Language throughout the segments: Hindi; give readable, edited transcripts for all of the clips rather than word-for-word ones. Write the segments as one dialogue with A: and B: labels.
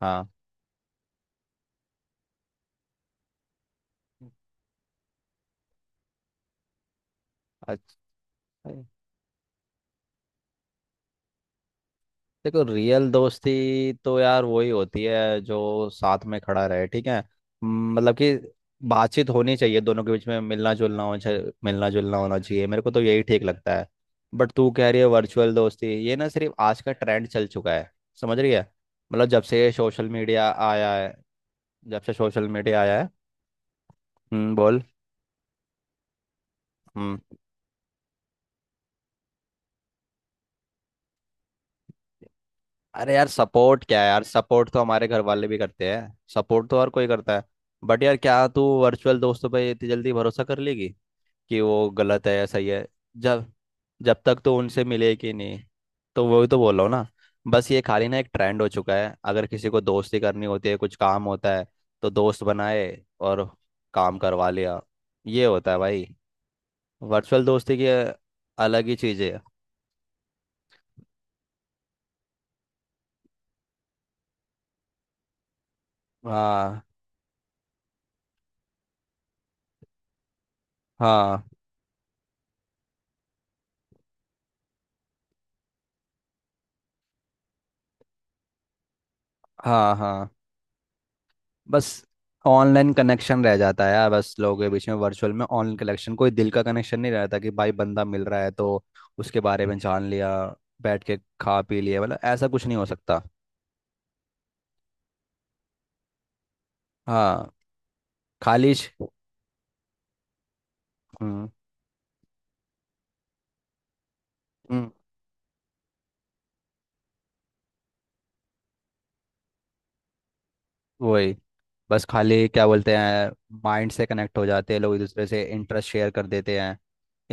A: हाँ। अच्छा। देखो, रियल दोस्ती तो यार वही होती है जो साथ में खड़ा रहे, ठीक है। मतलब कि बातचीत होनी चाहिए, दोनों के बीच में मिलना जुलना होना चाहिए। मेरे को तो यही ठीक लगता है। बट तू कह रही है वर्चुअल दोस्ती, ये ना सिर्फ आज का ट्रेंड चल चुका है। समझ रही है? मतलब जब से सोशल मीडिया आया है, जब से सोशल मीडिया आया है। हम्म, बोल। हम्म। अरे यार सपोर्ट क्या है यार, सपोर्ट तो हमारे घर वाले भी करते हैं, सपोर्ट तो हर कोई करता है। बट यार क्या तू वर्चुअल दोस्तों पे इतनी जल्दी भरोसा कर लेगी कि वो गलत है या सही है? जब जब तक तो उनसे मिले कि नहीं। तो वही तो बोल रहा हूँ ना। बस ये खाली ना एक ट्रेंड हो चुका है, अगर किसी को दोस्ती करनी होती है कुछ काम होता है तो दोस्त बनाए और काम करवा लिया। ये होता है भाई वर्चुअल दोस्ती की, अलग ही चीज़ है। हाँ, हाँ, हाँ, हाँ। बस ऑनलाइन कनेक्शन रह जाता है यार, बस लोगों के बीच में वर्चुअल में ऑनलाइन कनेक्शन, कोई दिल का कनेक्शन नहीं रहता कि भाई बंदा मिल रहा है तो उसके बारे में जान लिया, बैठ के खा पी लिया, मतलब ऐसा कुछ नहीं हो सकता। हाँ। खाली श- हम्म। हम्म, वही, बस खाली क्या बोलते हैं, माइंड से कनेक्ट हो जाते हैं लोग, एक दूसरे से इंटरेस्ट शेयर कर देते हैं,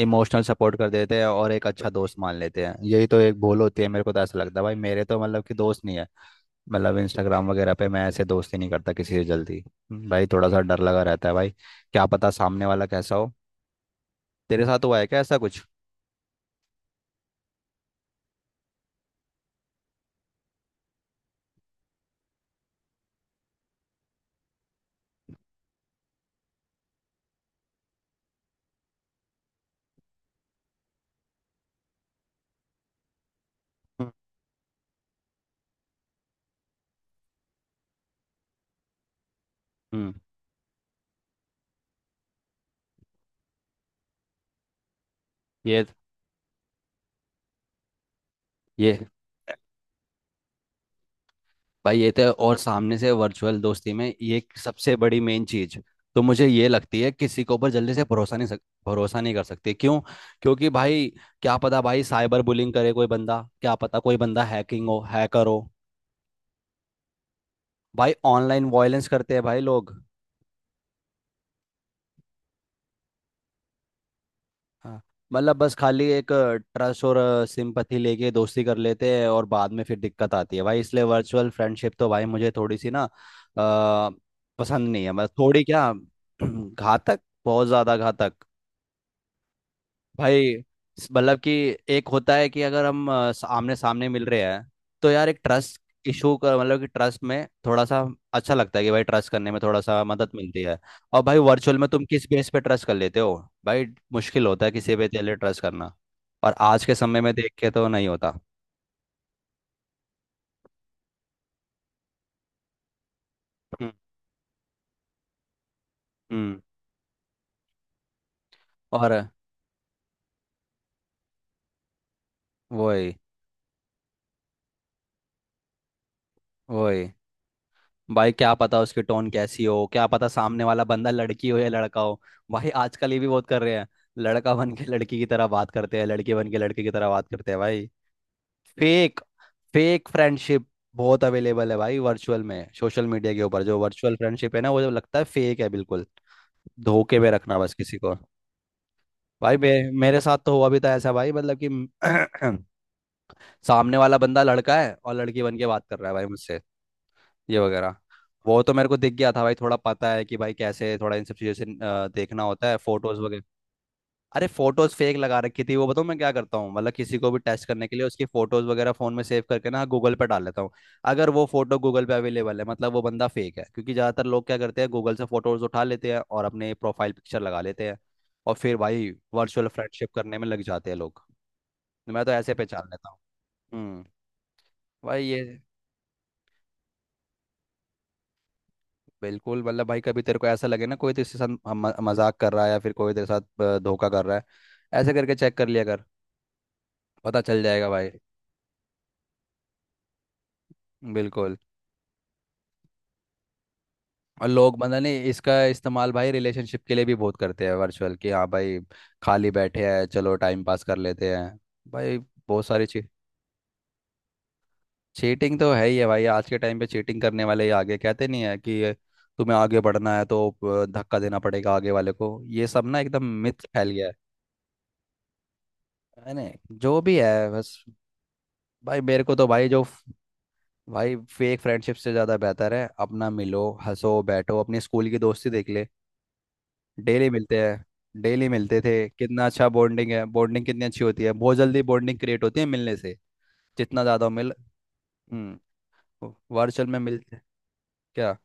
A: इमोशनल सपोर्ट कर देते हैं और एक अच्छा दोस्त मान लेते हैं। यही तो एक भूल होती है। मेरे को तो ऐसा लगता है भाई, मेरे तो मतलब कि दोस्त नहीं है, मतलब इंस्टाग्राम वगैरह पे मैं ऐसे दोस्ती नहीं करता किसी से जल्दी। भाई थोड़ा सा डर लगा रहता है भाई, क्या पता सामने वाला कैसा हो। तेरे साथ हुआ है क्या ऐसा कुछ? हम्म ये ये भाई, ये तो और सामने से वर्चुअल दोस्ती में ये सबसे बड़ी मेन चीज तो मुझे ये लगती है, किसी के ऊपर जल्दी से भरोसा नहीं सक भरोसा नहीं कर सकते। क्यों? क्योंकि भाई, क्या पता भाई साइबर बुलिंग करे कोई बंदा, क्या पता कोई बंदा हैकिंग हो, हैकर हो। भाई ऑनलाइन वायलेंस करते हैं भाई लोग। हाँ। मतलब बस खाली एक ट्रस्ट और सिंपथी लेके दोस्ती कर लेते हैं और बाद में फिर दिक्कत आती है भाई, इसलिए वर्चुअल फ्रेंडशिप तो भाई मुझे थोड़ी सी ना पसंद नहीं है, मतलब थोड़ी क्या घातक, बहुत ज्यादा घातक। भाई मतलब कि एक होता है कि अगर हम आमने सामने मिल रहे हैं तो यार एक ट्रस्ट इशू का मतलब कि ट्रस्ट में थोड़ा सा अच्छा लगता है कि भाई ट्रस्ट करने में थोड़ा सा मदद मिलती है। और भाई वर्चुअल में तुम किस बेस पे ट्रस्ट कर लेते हो भाई? मुश्किल होता है किसी पे तेरे ट्रस्ट करना, और आज के समय में देख के तो नहीं होता। हम्म। हम्म, और वही वही भाई, क्या पता उसकी टोन कैसी हो, क्या पता सामने वाला बंदा लड़की हो या लड़का हो। भाई आजकल ये भी बहुत कर रहे हैं, लड़का बन के लड़की की तरह बात करते हैं, लड़की बन के लड़के की तरह बात करते हैं भाई। फेक फेक फ्रेंडशिप बहुत अवेलेबल है भाई, वर्चुअल में सोशल मीडिया के ऊपर जो वर्चुअल फ्रेंडशिप है ना वो जब लगता है फेक है बिल्कुल। धोखे में रखना बस किसी को। भाई मेरे साथ तो हुआ भी था ऐसा भाई, मतलब कि सामने वाला बंदा लड़का है और लड़की बन के बात कर रहा है भाई मुझसे, ये वगैरह। वो तो मेरे को दिख गया था भाई, थोड़ा पता है कि भाई कैसे, थोड़ा इन सब चीज़ों से देखना होता है फोटोज वगैरह। अरे फोटोज फेक लगा रखी थी। वो बताऊँ मैं क्या करता हूँ? मतलब किसी को भी टेस्ट करने के लिए उसकी फोटोज वगैरह फोन में सेव करके ना गूगल पे डाल लेता हूँ, अगर वो फोटो गूगल पे अवेलेबल है मतलब वो बंदा फेक है, क्योंकि ज्यादातर लोग क्या करते हैं, गूगल से फोटोज उठा लेते हैं और अपने प्रोफाइल पिक्चर लगा लेते हैं, और फिर भाई वर्चुअल फ्रेंडशिप करने में लग जाते हैं लोग। मैं तो ऐसे पहचान लेता हूँ। हम्म। भाई ये बिल्कुल, मतलब भाई कभी तेरे को ऐसा लगे ना कोई तेरे साथ मजाक कर रहा है या फिर कोई तेरे साथ धोखा कर रहा है, ऐसे करके चेक कर लिया कर, पता चल जाएगा भाई। बिल्कुल। और लोग मतलब नहीं, इसका इस्तेमाल भाई रिलेशनशिप के लिए भी बहुत करते हैं वर्चुअल, कि हाँ भाई खाली बैठे हैं चलो टाइम पास कर लेते हैं। भाई बहुत सारी चीज, चीटिंग तो है ही है भाई, आज के टाइम पे चीटिंग करने वाले ही आगे कहते नहीं है कि तुम्हें आगे बढ़ना है तो धक्का देना पड़ेगा आगे वाले को, ये सब ना एकदम मिथ फैल गया है नहीं जो भी है बस। भाई मेरे को तो भाई जो, भाई फेक फ्रेंडशिप से ज़्यादा बेहतर है अपना मिलो, हंसो, बैठो। अपनी स्कूल की दोस्ती देख ले, डेली मिलते हैं, डेली मिलते थे, कितना अच्छा बॉन्डिंग है, बॉन्डिंग कितनी अच्छी होती है, बहुत जल्दी बॉन्डिंग क्रिएट होती है मिलने से। जितना ज़्यादा मिल। हम्म। वर्चुअल में मिलते क्या।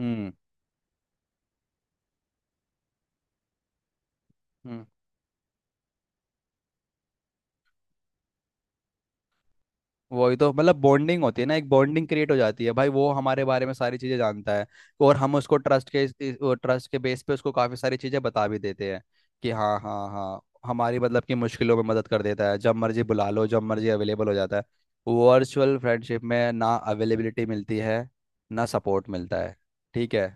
A: हम्म। हम्म। वही तो, मतलब बॉन्डिंग होती है ना, एक बॉन्डिंग क्रिएट हो जाती है भाई, वो हमारे बारे में सारी चीजें जानता है और हम उसको ट्रस्ट के बेस पे उसको काफी सारी चीजें बता भी देते हैं कि हाँ, हाँ, हाँ। हमारी मतलब कि मुश्किलों में मदद कर देता है, जब मर्जी बुला लो, जब मर्जी अवेलेबल हो जाता है। वर्चुअल फ्रेंडशिप में ना अवेलेबिलिटी मिलती है ना सपोर्ट मिलता है, ठीक है।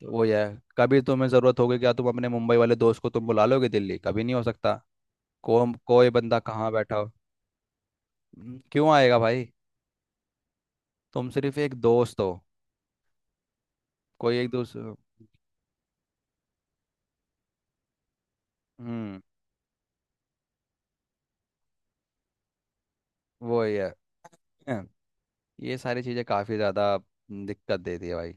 A: तो वो ये है, कभी तुम्हें ज़रूरत होगी क्या तुम अपने मुंबई वाले दोस्त को तुम बुला लोगे दिल्ली? कभी नहीं हो सकता, को कोई बंदा कहाँ बैठा हो। क्यों आएगा भाई? तुम सिर्फ एक दोस्त हो, कोई एक दूसरे। हम्म। वो ही है। हैं, ये सारी चीज़ें काफ़ी ज़्यादा दिक्कत देती है भाई।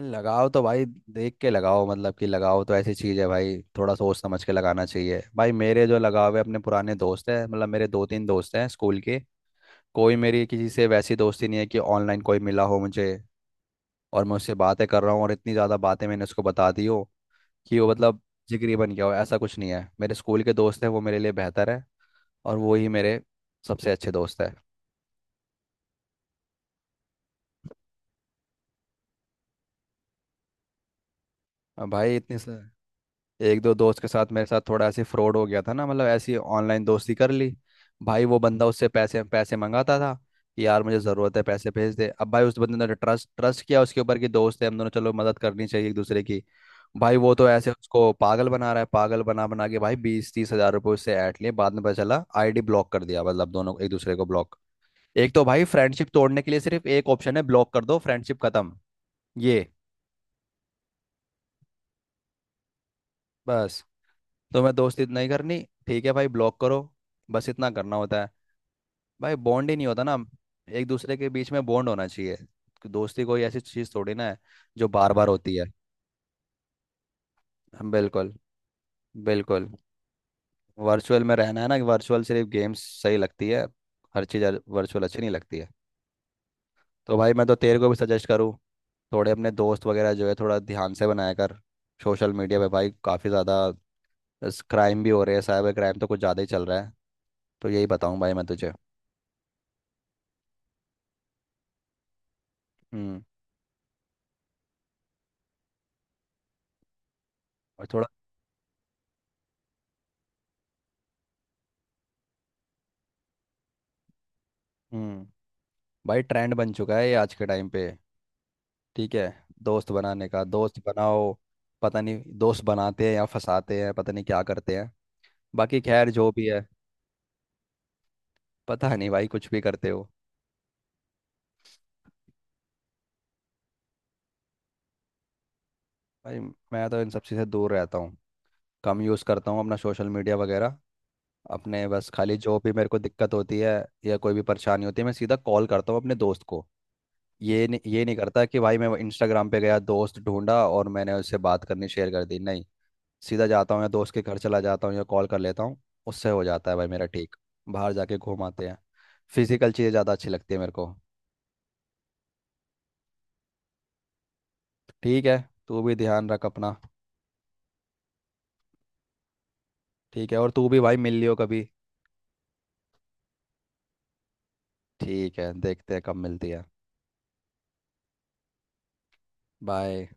A: लगाओ तो भाई देख के लगाओ, मतलब कि लगाओ तो ऐसी चीज़ है भाई, थोड़ा सोच समझ के लगाना चाहिए भाई। मेरे जो लगाव है अपने पुराने दोस्त हैं, मतलब मेरे दो तीन दोस्त हैं स्कूल के, कोई मेरी किसी से वैसी दोस्ती नहीं है कि ऑनलाइन कोई मिला हो मुझे और मैं उससे बातें कर रहा हूँ और इतनी ज़्यादा बातें मैंने उसको बता दी हो कि वो मतलब जिगरी बन गया हो, ऐसा कुछ नहीं है। मेरे स्कूल के दोस्त हैं वो मेरे लिए बेहतर है, और वो ही मेरे सबसे अच्छे दोस्त है। अब भाई इतने से एक दो दोस्त के साथ, मेरे साथ थोड़ा ऐसे फ्रॉड हो गया था ना, मतलब ऐसी ऑनलाइन दोस्ती कर ली भाई, वो बंदा उससे पैसे पैसे मंगाता था कि यार मुझे ज़रूरत है, पैसे भेज दे। अब भाई उस बंदे ने ट्रस्ट ट्रस्ट किया उसके ऊपर कि दोस्त है हम दोनों, चलो मदद करनी चाहिए एक दूसरे की, भाई वो तो ऐसे उसको पागल बना रहा है, पागल बना बना के भाई 20-30 हजार रुपये उससे ऐट लिए, बाद में पता चला आईडी ब्लॉक कर दिया, मतलब दोनों एक दूसरे को ब्लॉक। एक तो भाई फ्रेंडशिप तोड़ने के लिए सिर्फ एक ऑप्शन है, ब्लॉक कर दो, फ्रेंडशिप खत्म। ये बस, तुम्हें दोस्ती नहीं करनी, ठीक है भाई ब्लॉक करो, बस इतना करना होता है भाई। बॉन्ड ही नहीं होता ना, एक दूसरे के बीच में बॉन्ड होना चाहिए। दोस्ती कोई ऐसी चीज थोड़ी ना है जो बार बार होती है। बिल्कुल, बिल्कुल। वर्चुअल में रहना है ना, वर्चुअल सिर्फ गेम्स सही लगती है, हर चीज़ वर्चुअल अच्छी नहीं लगती है। तो भाई मैं तो तेरे को भी सजेस्ट करूँ, थोड़े अपने दोस्त वगैरह जो है थोड़ा ध्यान से बनाया कर, सोशल मीडिया पे भाई काफ़ी ज़्यादा बस क्राइम भी हो रहे हैं, साइबर क्राइम तो कुछ ज़्यादा ही चल रहा है, तो यही बताऊँ भाई मैं तुझे। हम्म और थोड़ा। हम्म भाई ट्रेंड बन चुका है ये आज के टाइम पे, ठीक है, दोस्त बनाने का, दोस्त बनाओ, पता नहीं दोस्त बनाते हैं या फंसाते हैं, पता नहीं क्या करते हैं, बाकी खैर जो भी है। पता नहीं भाई कुछ भी करते हो। भाई मैं तो इन सब चीज़ से दूर रहता हूँ, कम यूज़ करता हूँ अपना सोशल मीडिया वगैरह, अपने बस खाली जो भी मेरे को दिक्कत होती है या कोई भी परेशानी होती है मैं सीधा कॉल करता हूँ अपने दोस्त को। ये नहीं करता कि भाई मैं इंस्टाग्राम पे गया, दोस्त ढूंढा और मैंने उससे बात करनी शेयर कर दी, नहीं, सीधा जाता हूँ या दोस्त के घर चला जाता हूँ या कॉल कर लेता हूँ, उससे हो जाता है भाई मेरा ठीक, बाहर जाके घूम आते हैं। फिजिकल चीज़ें ज़्यादा अच्छी लगती है मेरे को। ठीक है। तू भी ध्यान रख अपना। ठीक है, और तू भी भाई मिल लियो कभी। ठीक है, देखते हैं कब मिलती है। बाय।